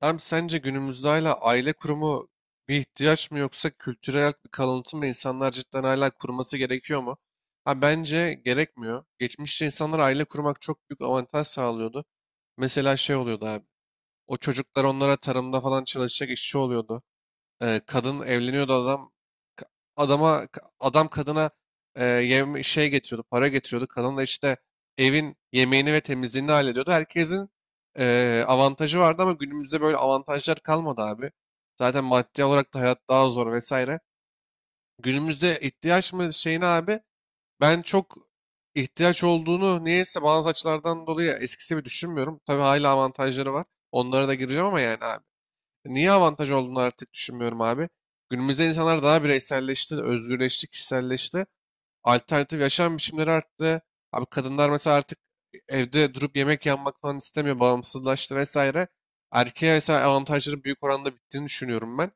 Abi sence günümüzde hala aile kurumu bir ihtiyaç mı, yoksa kültürel bir kalıntı mı? İnsanlar cidden hala kurması gerekiyor mu? Ha, bence gerekmiyor. Geçmişte insanlar aile kurmak çok büyük avantaj sağlıyordu. Mesela şey oluyordu abi. O çocuklar onlara tarımda falan çalışacak işçi oluyordu. Kadın evleniyordu, adam ka- adama ka- adam kadına şey getiriyordu, para getiriyordu. Kadın da işte evin yemeğini ve temizliğini hallediyordu. Herkesin avantajı vardı, ama günümüzde böyle avantajlar kalmadı abi. Zaten maddi olarak da hayat daha zor vesaire. Günümüzde ihtiyaç mı şeyine abi, ben çok ihtiyaç olduğunu niyeyse bazı açılardan dolayı eskisi gibi düşünmüyorum. Tabii hala avantajları var. Onlara da gireceğim ama yani abi. Niye avantaj olduğunu artık düşünmüyorum abi. Günümüzde insanlar daha bireyselleşti, özgürleşti, kişiselleşti. Alternatif yaşam biçimleri arttı. Abi kadınlar mesela artık evde durup yemek yapmak falan istemiyor, bağımsızlaştı vesaire. Erkeğe mesela avantajların büyük oranda bittiğini düşünüyorum ben.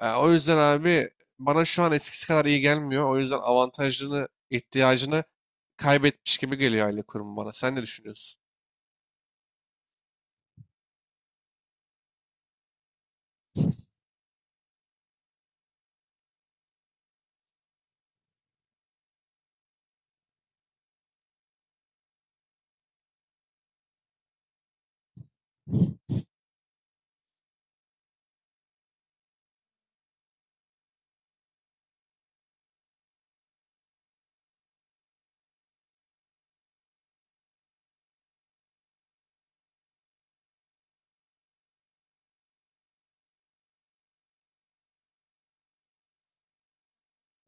O yüzden abi, bana şu an eskisi kadar iyi gelmiyor. O yüzden avantajını, ihtiyacını kaybetmiş gibi geliyor aile kurumu bana. Sen ne düşünüyorsun?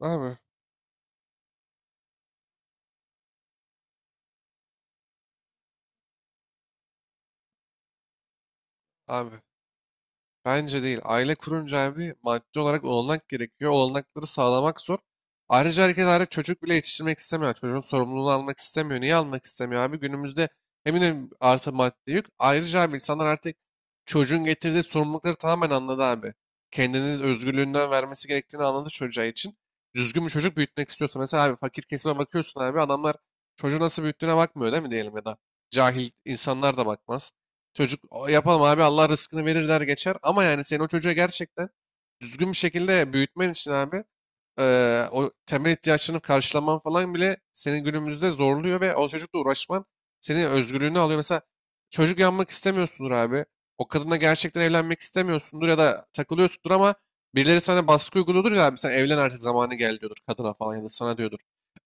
Abi Abi. Bence değil. Aile kurunca abi, maddi olarak olanak gerekiyor. Olanakları sağlamak zor. Ayrıca herkes artık çocuk bile yetiştirmek istemiyor. Çocuğun sorumluluğunu almak istemiyor. Niye almak istemiyor abi? Günümüzde eminim artı maddi yük. Ayrıca abi, insanlar artık çocuğun getirdiği sorumlulukları tamamen anladı abi. Kendini özgürlüğünden vermesi gerektiğini anladı çocuğa için. Düzgün bir çocuk büyütmek istiyorsa. Mesela abi fakir kesime bakıyorsun abi. Adamlar çocuğu nasıl büyüttüğüne bakmıyor, değil mi, diyelim ya da. Cahil insanlar da bakmaz. Çocuk, "O, yapalım abi, Allah rızkını verir," der geçer. Ama yani senin o çocuğa gerçekten düzgün bir şekilde büyütmen için abi, o temel ihtiyaçlarını karşılaman falan bile seni günümüzde zorluyor ve o çocukla uğraşman senin özgürlüğünü alıyor. Mesela çocuk yapmak istemiyorsundur abi. O kadınla gerçekten evlenmek istemiyorsundur ya da takılıyorsundur, ama birileri sana baskı uyguluyordur ya abi, sen evlen artık zamanı geldi diyordur kadına falan ya da sana diyordur.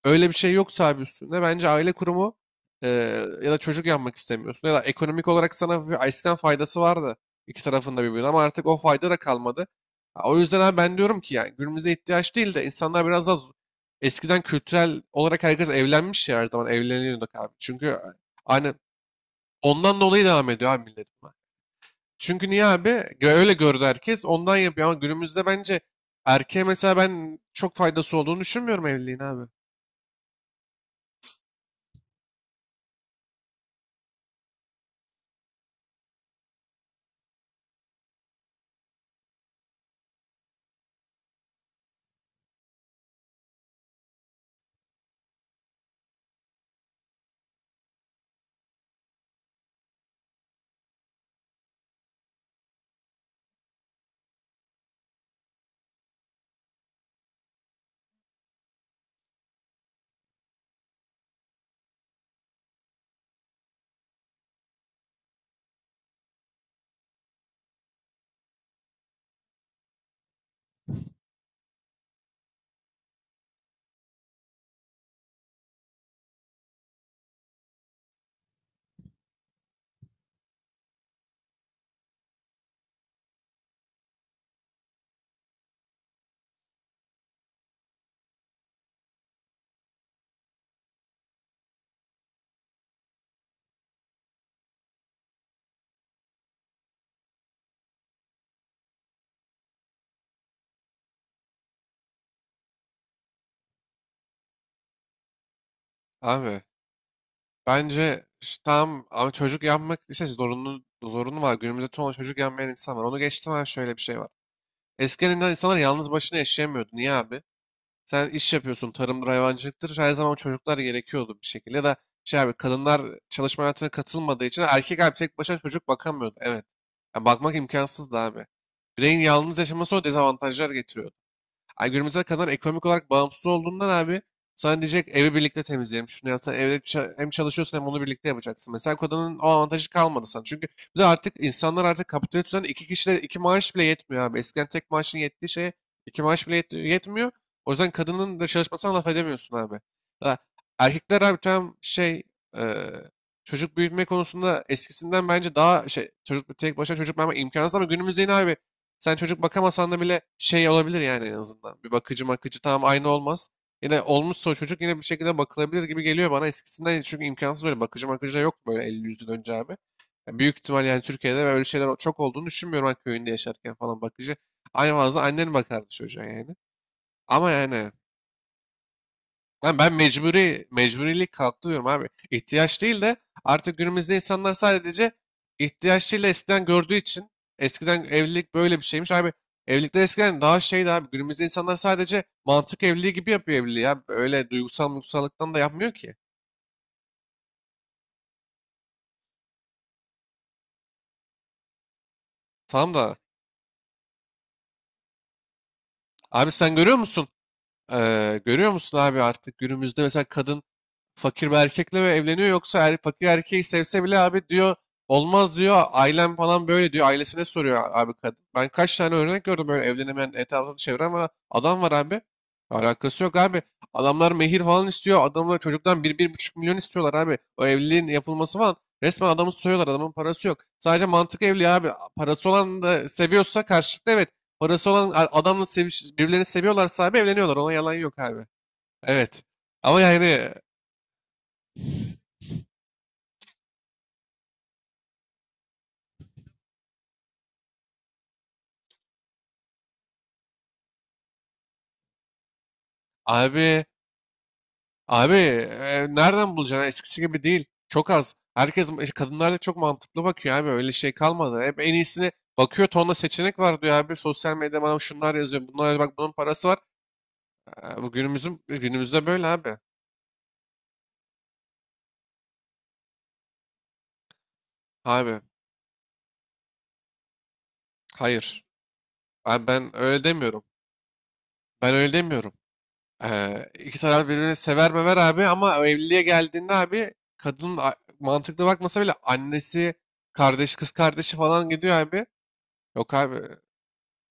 Öyle bir şey yoksa abi üstünde, bence aile kurumu, eee, ya da çocuk yapmak istemiyorsun, ya da ekonomik olarak sana bir eskiden faydası vardı iki tarafında birbirine, ama artık o fayda da kalmadı. O yüzden abi ben diyorum ki, yani günümüze ihtiyaç değil de, insanlar biraz daha eskiden kültürel olarak herkes evlenmiş ya, her zaman evleniyorduk abi. Çünkü hani ondan dolayı devam ediyor abi millet buna. Çünkü niye abi? Öyle gördü herkes, ondan yapıyor. Ama günümüzde bence erkeğe mesela ben çok faydası olduğunu düşünmüyorum evliliğin abi. Abi bence tamam, ama çocuk yapmak işte zorunlu var. Günümüzde çoğu çocuk yapmayan insan var. Onu geçtim abi, şöyle bir şey var. Eskiden insanlar yalnız başına yaşayamıyordu. Niye abi? Sen iş yapıyorsun, tarımdır, hayvancılıktır. Her zaman çocuklar gerekiyordu bir şekilde. Ya da şey abi, kadınlar çalışma hayatına katılmadığı için erkek abi tek başına çocuk bakamıyordu. Evet. Yani bakmak imkansızdı abi. Bireyin yalnız yaşaması o dezavantajlar getiriyor. Ay günümüze kadar ekonomik olarak bağımsız olduğundan abi, sana diyecek evi birlikte temizleyelim. Şunu yapsan evde hem çalışıyorsun hem onu birlikte yapacaksın. Mesela kodanın o avantajı kalmadı sana. Çünkü bir de artık insanlar artık kapitalist düzende iki kişide iki maaş bile yetmiyor abi. Eskiden tek maaşın yettiği şeye iki maaş bile yetmiyor. O yüzden kadının da çalışmasına laf edemiyorsun abi. Ha, erkekler abi tam şey, eee, çocuk büyütme konusunda eskisinden bence daha şey, çocuk tek başına çocuk büyütme imkansız, ama günümüzde yine abi sen çocuk bakamasan da bile şey olabilir, yani en azından. Bir bakıcı makıcı, tamam aynı olmaz. Yine olmuşsa o çocuk yine bir şekilde bakılabilir gibi geliyor bana eskisinden. Çünkü imkansız, öyle bakıcı makıcı da yok böyle elli yüzden önce abi. Yani büyük ihtimal yani Türkiye'de böyle şeyler çok olduğunu düşünmüyorum ben, köyünde yaşarken falan bakıcı. Aynı fazla annen bakardı çocuğa yani. Ama yani ben mecburilik kalktı diyorum abi. İhtiyaç değil de artık günümüzde insanlar sadece ihtiyaç değil de eskiden gördüğü için eskiden evlilik böyle bir şeymiş. Abi evlilikler eskiden daha şeydi abi. Günümüzde insanlar sadece mantık evliliği gibi yapıyor evliliği. Ya. Öyle duygusallıktan da yapmıyor ki. Tamam da abi, sen görüyor musun? Görüyor musun abi, artık günümüzde mesela kadın fakir bir erkekle ve evleniyor. Yoksa fakir erkeği sevse bile abi diyor olmaz diyor. Ailem falan böyle diyor. Ailesine soruyor abi kadın. Ben kaç tane örnek gördüm böyle evlenemeyen, etrafını çeviren ama adam var abi. Alakası yok abi. Adamlar mehir falan istiyor. Adamlar çocuktan bir buçuk milyon istiyorlar abi. O evliliğin yapılması falan. Resmen adamı soyuyorlar. Adamın parası yok. Sadece mantık evli abi. Parası olan da seviyorsa karşılıklı, evet. Parası olan adamla seviş, birbirlerini seviyorlarsa abi evleniyorlar. Ona yalan yok abi. Evet. Ama yani Abi, abi, nereden bulacaksın? Eskisi gibi değil. Çok az. Kadınlar da çok mantıklı bakıyor abi. Öyle şey kalmadı. Hep en iyisini bakıyor. Tonla seçenek var diyor abi. Sosyal medyada bana şunlar yazıyor. Bunlar bak, bunun parası var. Günümüzde böyle abi. Abi, hayır. Abi ben öyle demiyorum. Ben öyle demiyorum. İki taraf birbirini sever mever abi, ama o evliliğe geldiğinde abi kadın mantıklı bakmasa bile annesi, kardeş, kız kardeşi falan gidiyor abi. Yok abi.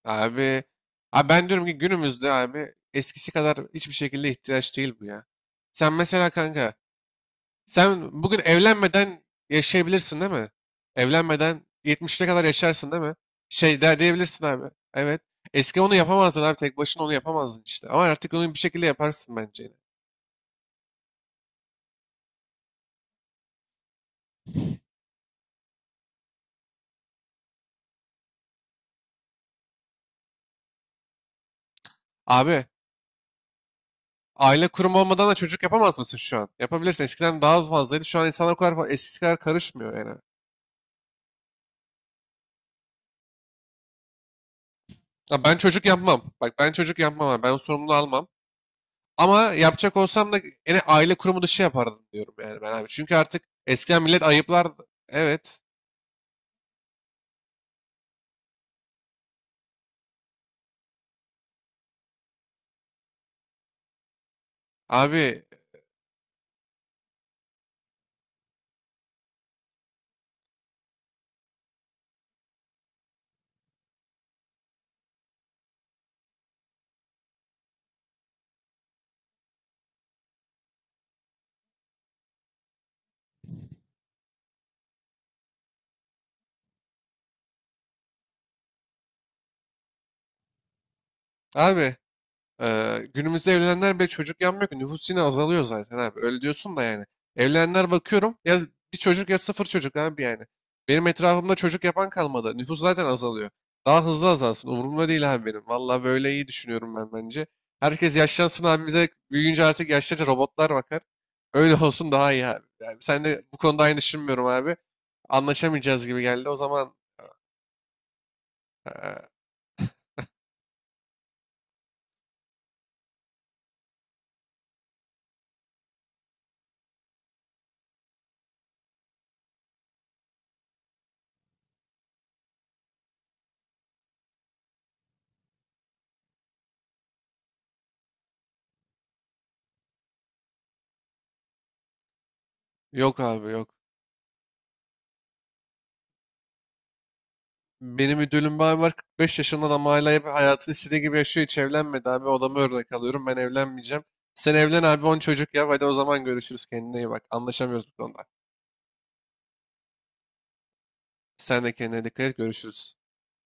Abi, abi, ben diyorum ki günümüzde abi eskisi kadar hiçbir şekilde ihtiyaç değil bu ya. Sen mesela kanka, sen bugün evlenmeden yaşayabilirsin, değil mi? Evlenmeden 70'ine kadar yaşarsın, değil mi? Şey der diyebilirsin abi. Evet. Eski onu yapamazdın abi, tek başına onu yapamazdın işte. Ama artık onu bir şekilde yaparsın bence yine. Abi aile kurumu olmadan da çocuk yapamaz mısın şu an? Yapabilirsin. Eskiden daha az fazlaydı. Şu an insanlar o kadar eskisi kadar karışmıyor yani. Ya ben çocuk yapmam. Bak ben çocuk yapmam abi. Ben o sorumluluğu almam. Ama yapacak olsam da yine aile kurumu dışı yapardım diyorum yani ben abi. Çünkü artık eskiden millet ayıplardı. Evet. Abi, abi. Günümüzde evlenenler bile çocuk yapmıyor ki. Nüfus yine azalıyor zaten abi. Öyle diyorsun da yani. Evlenenler bakıyorum ya, bir çocuk ya sıfır çocuk abi yani. Benim etrafımda çocuk yapan kalmadı. Nüfus zaten azalıyor. Daha hızlı azalsın. Umurumda değil abi benim. Valla böyle iyi düşünüyorum ben, bence. Herkes yaşlansın abi, bize büyüyünce artık yaşlıca robotlar bakar. Öyle olsun, daha iyi abi. Yani sen de bu konuda aynı düşünmüyorum abi. Anlaşamayacağız gibi geldi. O zaman eee, yok abi yok. Benim müdürüm bir abi var, 45 yaşında adam, hala hep hayatını istediği gibi yaşıyor, hiç evlenmedi abi, odama örnek alıyorum, ben evlenmeyeceğim. Sen evlen abi, 10 çocuk yap, hadi o zaman görüşürüz, kendine iyi bak, anlaşamıyoruz bu konuda. Sen de kendine dikkat et, görüşürüz.